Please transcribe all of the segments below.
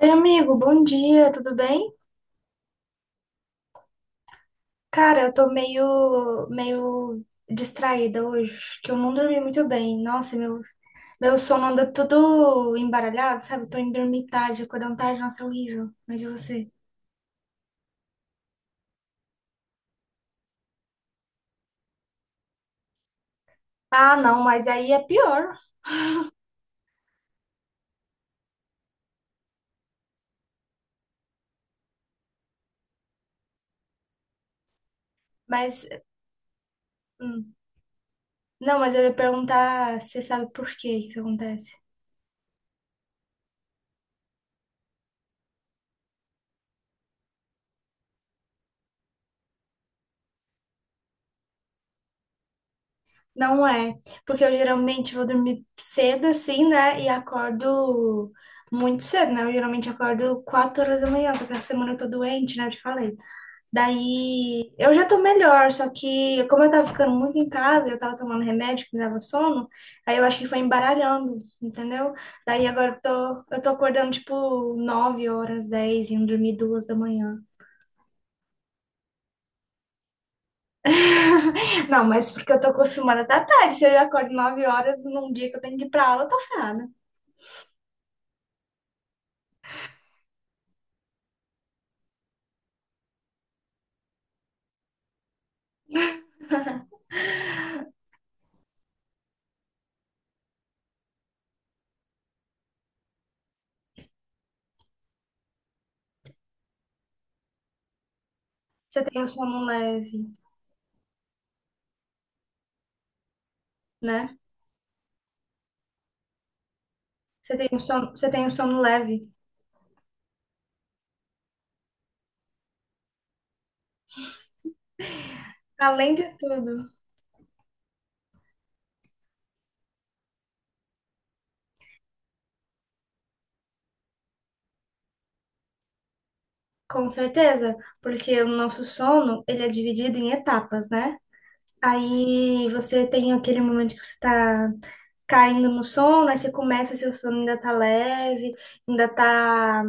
Oi, amigo, bom dia, tudo bem? Cara, eu tô meio distraída hoje, que eu não dormi muito bem. Nossa, meu sono anda tudo embaralhado, sabe? Tô indo dormir tarde, acordando tarde, nossa, é horrível. Mas e você? Ah, não, mas aí é pior. Mas, hum. Não, mas eu ia perguntar, se você sabe por que isso acontece? Não é, porque eu geralmente vou dormir cedo assim, né? E acordo muito cedo, né? Eu geralmente acordo 4 horas da manhã, só que essa semana eu tô doente, né? Eu te falei. Daí eu já tô melhor, só que como eu tava ficando muito em casa, eu tava tomando remédio que me dava sono, aí eu acho que foi embaralhando, entendeu? Daí agora eu tô acordando tipo 9 horas, 10, indo dormir 2 da manhã. Não, mas porque eu tô acostumada até à tarde. Se eu acordo 9 horas num dia que eu tenho que ir pra aula, eu tô ferrada. Você tem um sono leve, né? Você tem um sono, você tem um sono leve. Além de tudo, com certeza, porque o nosso sono, ele é dividido em etapas, né? Aí você tem aquele momento que você tá caindo no sono, aí você começa, seu sono ainda tá leve, ainda tá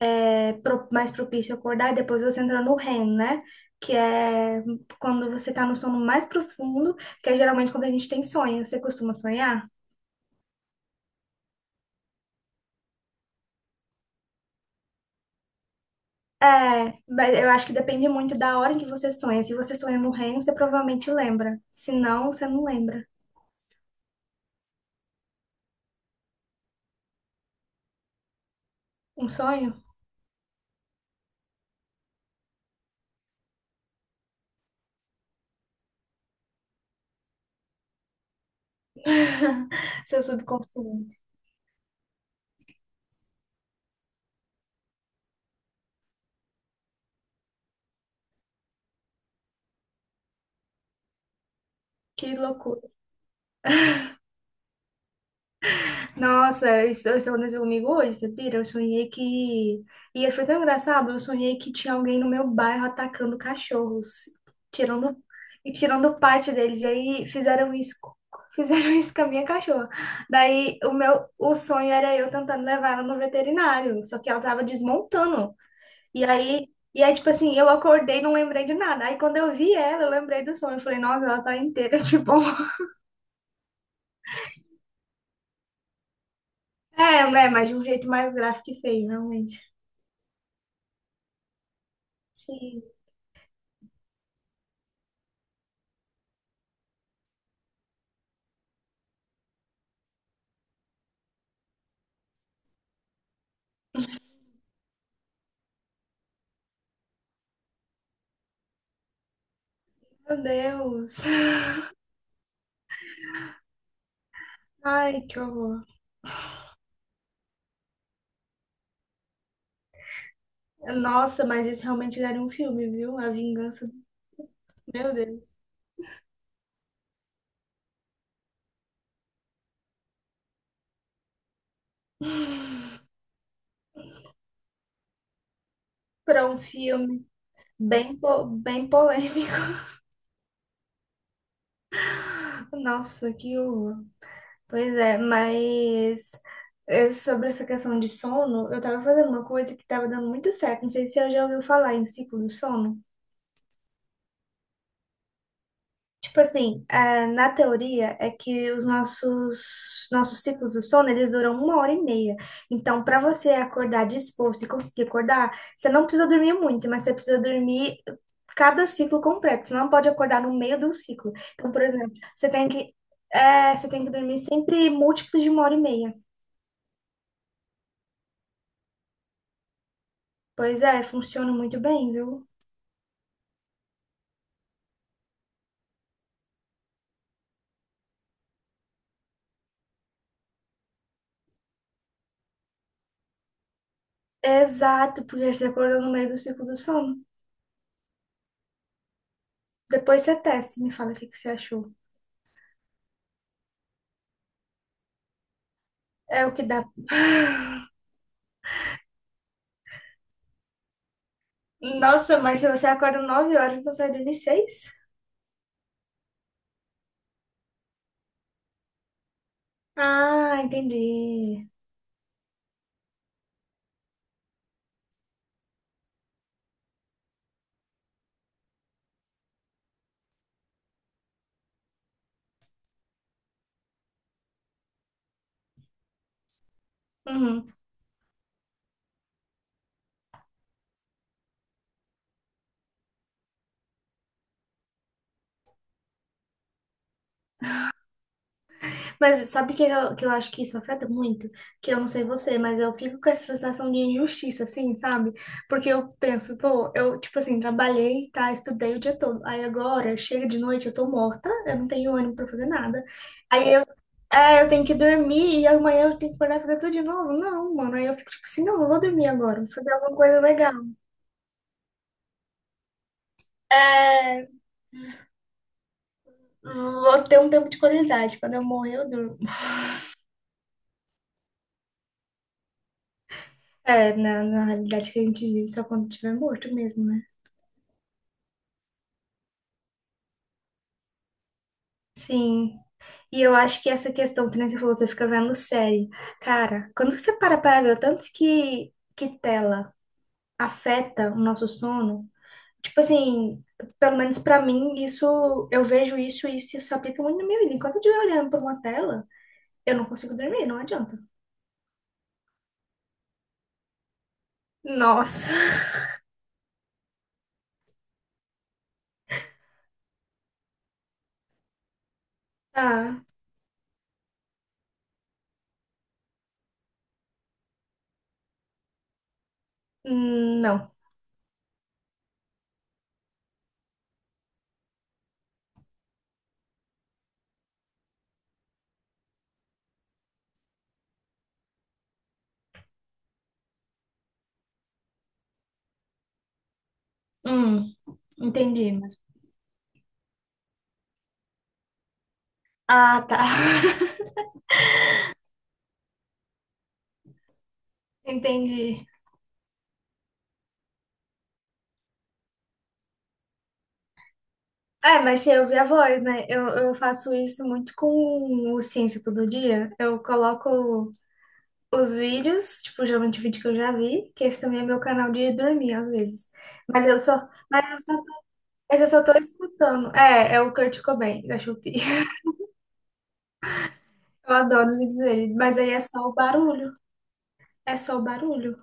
é, mais propício a acordar, e depois você entra no REM, né? Que é quando você tá no sono mais profundo, que é geralmente quando a gente tem sonho. Você costuma sonhar? É, mas eu acho que depende muito da hora em que você sonha. Se você sonha no REM, você provavelmente lembra. Se não, você não lembra. Um sonho? Seu subconsciente. Que loucura. Nossa, eu sonhei comigo hoje, você pira? Eu sonhei que. E foi tão engraçado, eu sonhei que tinha alguém no meu bairro atacando cachorros, tirando e tirando parte deles. E aí fizeram isso, co- fizeram isso com a minha cachorra. Daí o sonho era eu tentando levar ela no veterinário, só que ela tava desmontando. E aí e aí tipo assim, eu acordei, e não lembrei de nada. Aí quando eu vi ela, eu lembrei do sonho. Eu falei, nossa, ela tá inteira, que bom. É, né, mas de um jeito mais gráfico e feio, realmente. Sim. Meu Deus. Ai, que horror. Nossa, mas isso realmente daria um filme, viu? A vingança. Do- Meu Deus. Pra um filme bem, po- bem polêmico. Nossa, que horror. Pois é, mas é, sobre essa questão de sono, eu tava fazendo uma coisa que tava dando muito certo. Não sei se você já ouviu falar em ciclo do sono. Tipo assim, ah, na teoria é que os nossos ciclos do sono, eles duram 1 hora e meia. Então, para você acordar disposto e conseguir acordar, você não precisa dormir muito, mas você precisa dormir cada ciclo completo. Você não pode acordar no meio do ciclo. Então, por exemplo, você tem que é, você tem que dormir sempre múltiplos de 1 hora e meia. Pois é, funciona muito bem, viu? Exato, porque você acordou no meio do ciclo do sono. Depois você testa, e me fala o que que você achou. É o que dá. Nossa, mas se você acorda 9 horas, então sai dormir 6? Ah, entendi. Uhum. Mas sabe que eu acho que isso afeta muito? Que eu não sei você, mas eu fico com essa sensação de injustiça, assim, sabe? Porque eu penso, pô, eu, tipo assim, trabalhei, tá, estudei o dia todo. Aí agora, chega de noite, eu tô morta, eu não tenho ânimo pra fazer nada. Aí eu, é, eu tenho que dormir e amanhã eu tenho que acordar e fazer tudo de novo. Não, mano, aí eu fico tipo assim, não, eu vou dormir agora, vou fazer alguma coisa legal. É. Vou ter um tempo de qualidade. Quando eu morrer, eu durmo. É, na, na realidade que a gente vive só quando tiver morto mesmo, né? Sim. E eu acho que essa questão que nem você falou, você fica vendo série. Cara, quando você para para ver o tanto que tela afeta o nosso sono, tipo assim, pelo menos pra mim, isso, eu vejo isso e isso se aplica muito na minha vida. Enquanto eu estiver olhando pra uma tela, eu não consigo dormir, não adianta. Nossa. Ah, não. Hum, entendi. Ah, tá. Entendi. É, mas você ouve a voz, né? Eu faço isso muito com o Ciência Todo Dia. Eu coloco os vídeos, tipo, geralmente vídeo que eu já vi, que esse também é meu canal de dormir, às vezes. Mas eu só, mas eu só, mas eu só tô escutando. É, é o Kurt Cobain, da Shopee. Eu adoro os vídeos dele, mas aí é só o barulho. É só o barulho.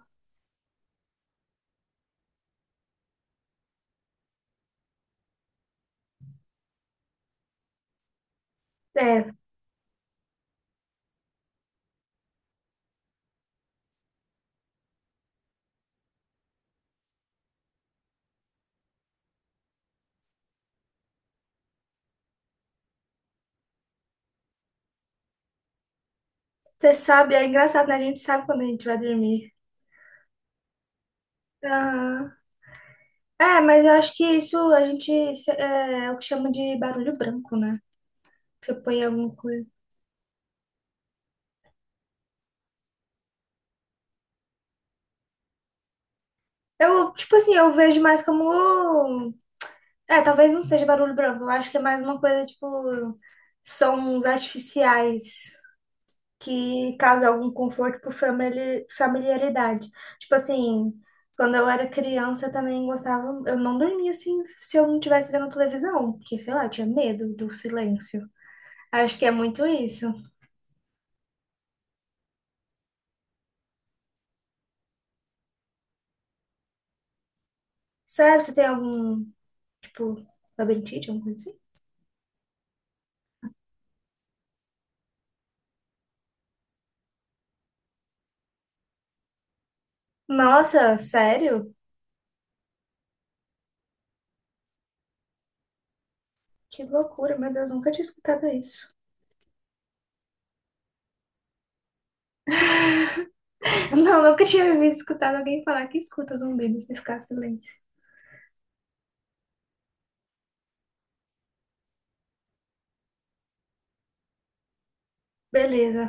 É, você sabe, é engraçado, né? A gente sabe quando a gente vai dormir. Aham. É, mas eu acho que isso a gente é, é o que chama de barulho branco, né? Você põe alguma coisa. Eu, tipo assim, eu vejo mais como. É, talvez não seja barulho branco. Eu acho que é mais uma coisa, tipo, sons artificiais que causam algum conforto por familiaridade. Tipo assim, quando eu era criança, eu também gostava. Eu não dormia assim se eu não estivesse vendo televisão, porque, sei lá, eu tinha medo do silêncio. Acho que é muito isso. Sério, você tem algum Tipo, labirintite, alguma coisa assim? Nossa, sério? Que loucura, meu Deus, nunca tinha escutado isso. Não, nunca tinha ouvido escutado alguém falar que escuta zumbidos e ficar em silêncio. Beleza.